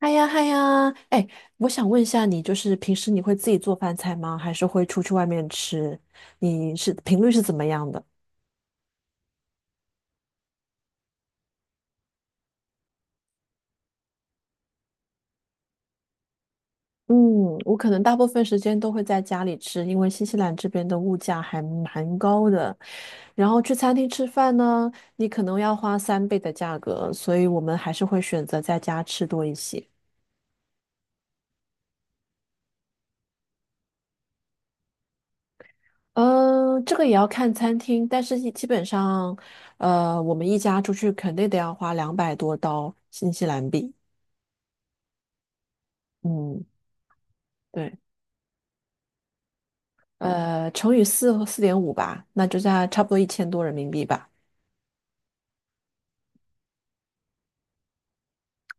嗨呀嗨呀，哎，我想问一下你，就是平时你会自己做饭菜吗？还是会出去外面吃？频率是怎么样的？嗯，我可能大部分时间都会在家里吃，因为新西兰这边的物价还蛮高的。然后去餐厅吃饭呢，你可能要花3倍的价格，所以我们还是会选择在家吃多一些。嗯，这个也要看餐厅，但是基本上，我们一家出去肯定得要花200多刀新西兰币。嗯。对，乘以四点五吧，那就在差不多1000多人民币吧。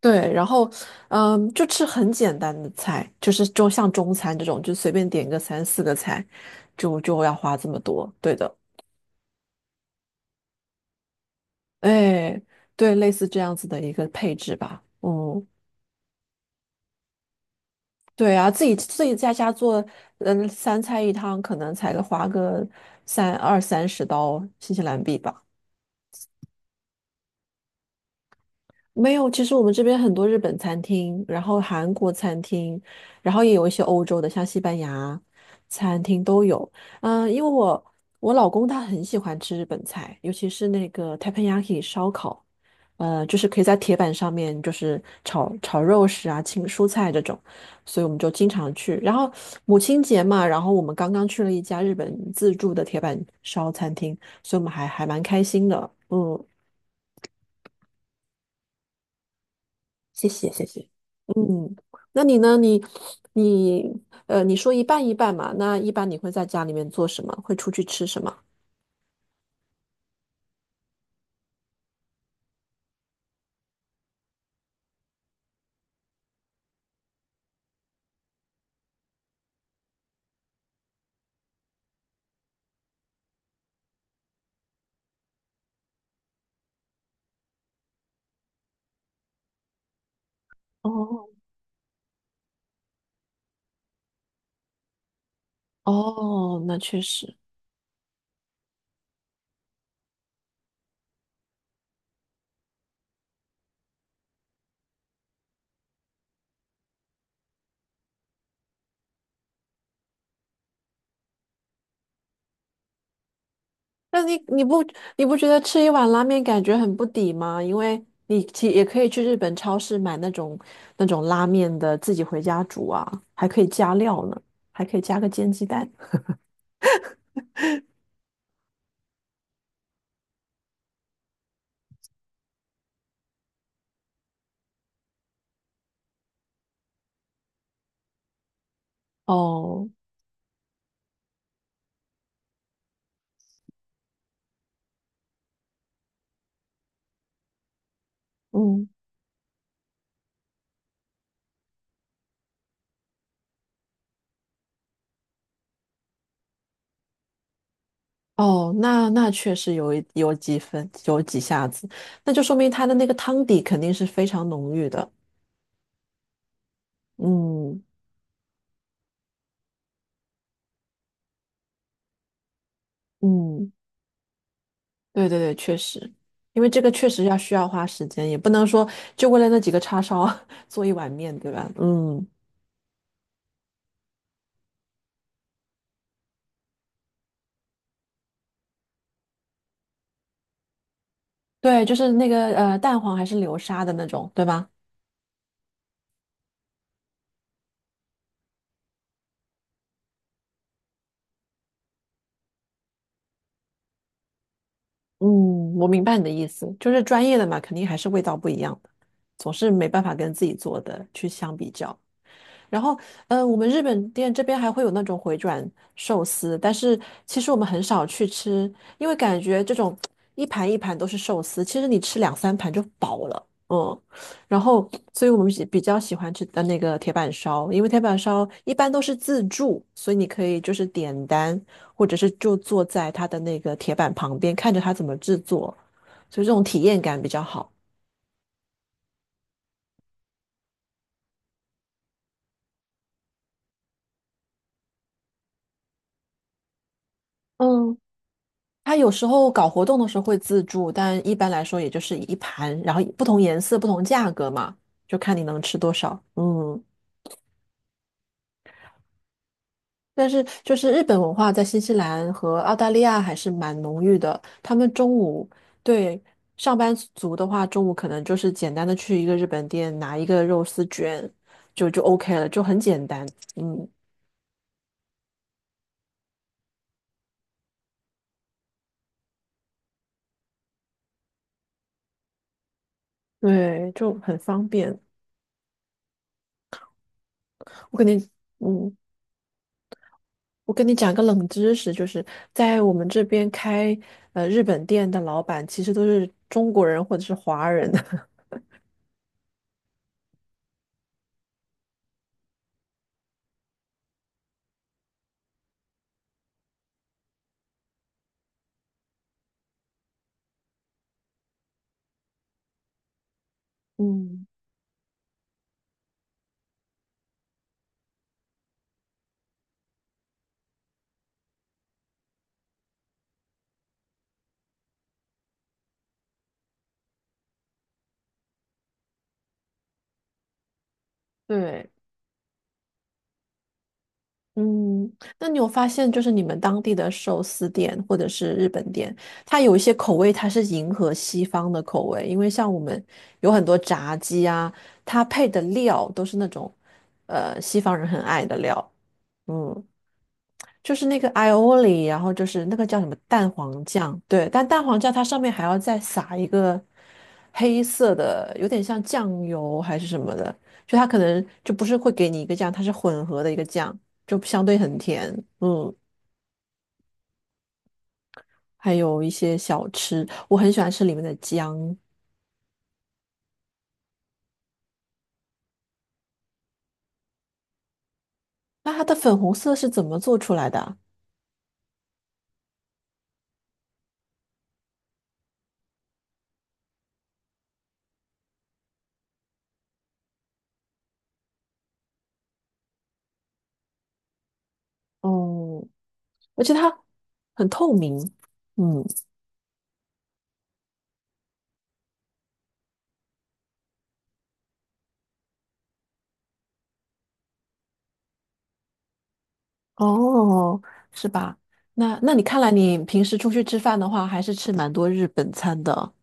对，然后，嗯，就吃很简单的菜，就是就像中餐这种，就随便点个三四个菜，就要花这么多。对的，哎，对，类似这样子的一个配置吧。嗯，对啊，自己在家做，嗯，三菜一汤，可能才花个三二三十刀新西兰币吧。没有，其实我们这边很多日本餐厅，然后韩国餐厅，然后也有一些欧洲的，像西班牙餐厅都有。嗯，因为我老公他很喜欢吃日本菜，尤其是那个 teppanyaki 烧烤，就是可以在铁板上面就是炒肉食啊、青蔬菜这种，所以我们就经常去。然后母亲节嘛，然后我们刚刚去了一家日本自助的铁板烧餐厅，所以我们还蛮开心的。嗯，谢谢，谢谢。嗯，那你呢？你你说一半一半嘛？那一般你会在家里面做什么？会出去吃什么？哦哦，那确实。那你不觉得吃一碗拉面感觉很不抵吗？因为你也可以去日本超市买那种那种拉面的，自己回家煮啊，还可以加料呢，还可以加个煎鸡蛋。哦，嗯。哦，那确实有几分有几下子，那就说明它的那个汤底肯定是非常浓郁的。嗯嗯，对对对，确实，因为这个确实要需要花时间，也不能说就为了那几个叉烧 做一碗面，对吧？嗯，对，就是那个蛋黄还是流沙的那种，对吧？嗯，我明白你的意思，就是专业的嘛，肯定还是味道不一样的，总是没办法跟自己做的去相比较。然后，我们日本店这边还会有那种回转寿司，但是其实我们很少去吃，因为感觉这种一盘一盘都是寿司，其实你吃两三盘就饱了，嗯。然后，所以我们比较喜欢吃的那个铁板烧，因为铁板烧一般都是自助，所以你可以就是点单，或者是就坐在它的那个铁板旁边，看着它怎么制作，所以这种体验感比较好。嗯。它有时候搞活动的时候会自助，但一般来说也就是一盘，然后不同颜色、不同价格嘛，就看你能吃多少。嗯，但是就是日本文化在新西兰和澳大利亚还是蛮浓郁的。他们中午对上班族的话，中午可能就是简单的去一个日本店拿一个肉丝卷，就 OK 了，就很简单。嗯，对，就很方便。我肯定。嗯。我跟你讲个冷知识，就是在我们这边开日本店的老板，其实都是中国人或者是华人。嗯，对，嗯，那你有发现，就是你们当地的寿司店或者是日本店，它有一些口味它是迎合西方的口味，因为像我们有很多炸鸡啊，它配的料都是那种西方人很爱的料。嗯，就是那个 i o l i 然后就是那个叫什么蛋黄酱，对，但蛋黄酱它上面还要再撒一个黑色的，有点像酱油还是什么的，就它可能就不是会给你一个酱，它是混合的一个酱，就相对很甜，嗯，还有一些小吃，我很喜欢吃里面的姜，那它的粉红色是怎么做出来的啊？哦，而且它很透明，嗯。哦，是吧？那你看来你平时出去吃饭的话，还是吃蛮多日本餐的。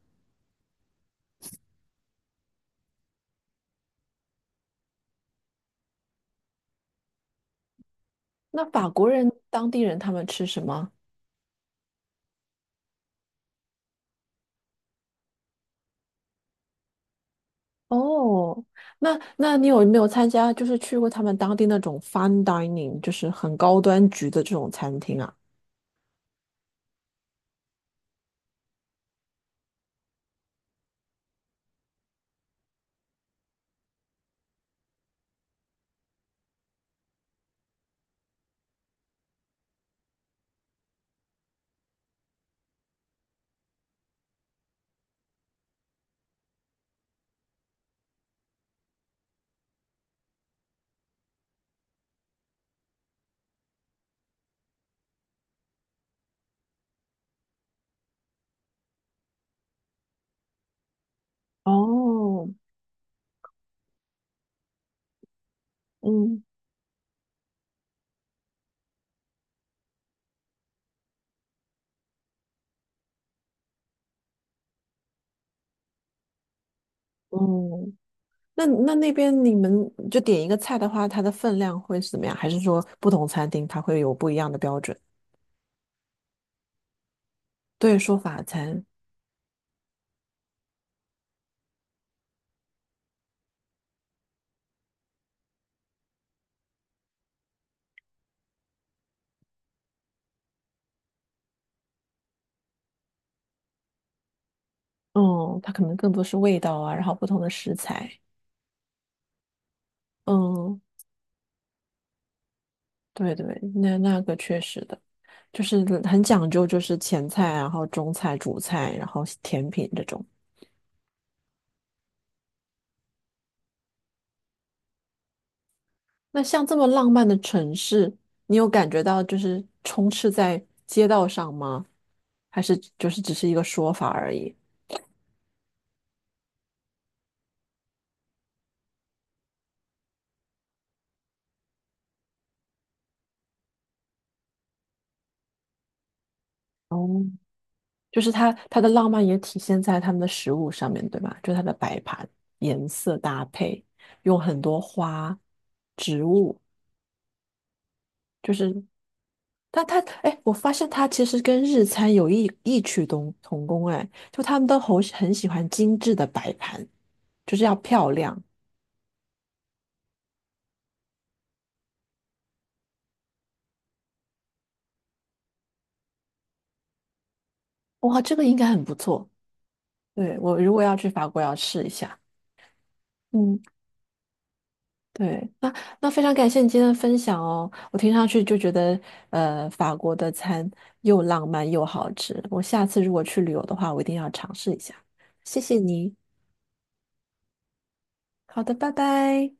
那法国人、当地人他们吃什么？哦，那你有没有参加，就是去过他们当地那种 fine dining,就是很高端局的这种餐厅啊？哦，嗯嗯，那那边你们就点一个菜的话，它的分量会是怎么样？还是说不同餐厅它会有不一样的标准？对，说法餐。嗯，它可能更多是味道啊，然后不同的食材。嗯，对对，那个确实的，就是很讲究，就是前菜啊，然后中菜、主菜，然后甜品这种。那像这么浪漫的城市，你有感觉到就是充斥在街道上吗？还是就是只是一个说法而已？哦，就是它的浪漫也体现在他们的食物上面，对吧？就它的摆盘、颜色搭配，用很多花、植物。就是但它，哎，我发现它其实跟日餐有异曲同工，哎，就他们都很喜欢精致的摆盘，就是要漂亮。哇，这个应该很不错。对，我如果要去法国，要试一下。嗯，对，那非常感谢你今天的分享哦。我听上去就觉得，法国的餐又浪漫又好吃。我下次如果去旅游的话，我一定要尝试一下。谢谢你。好的，拜拜。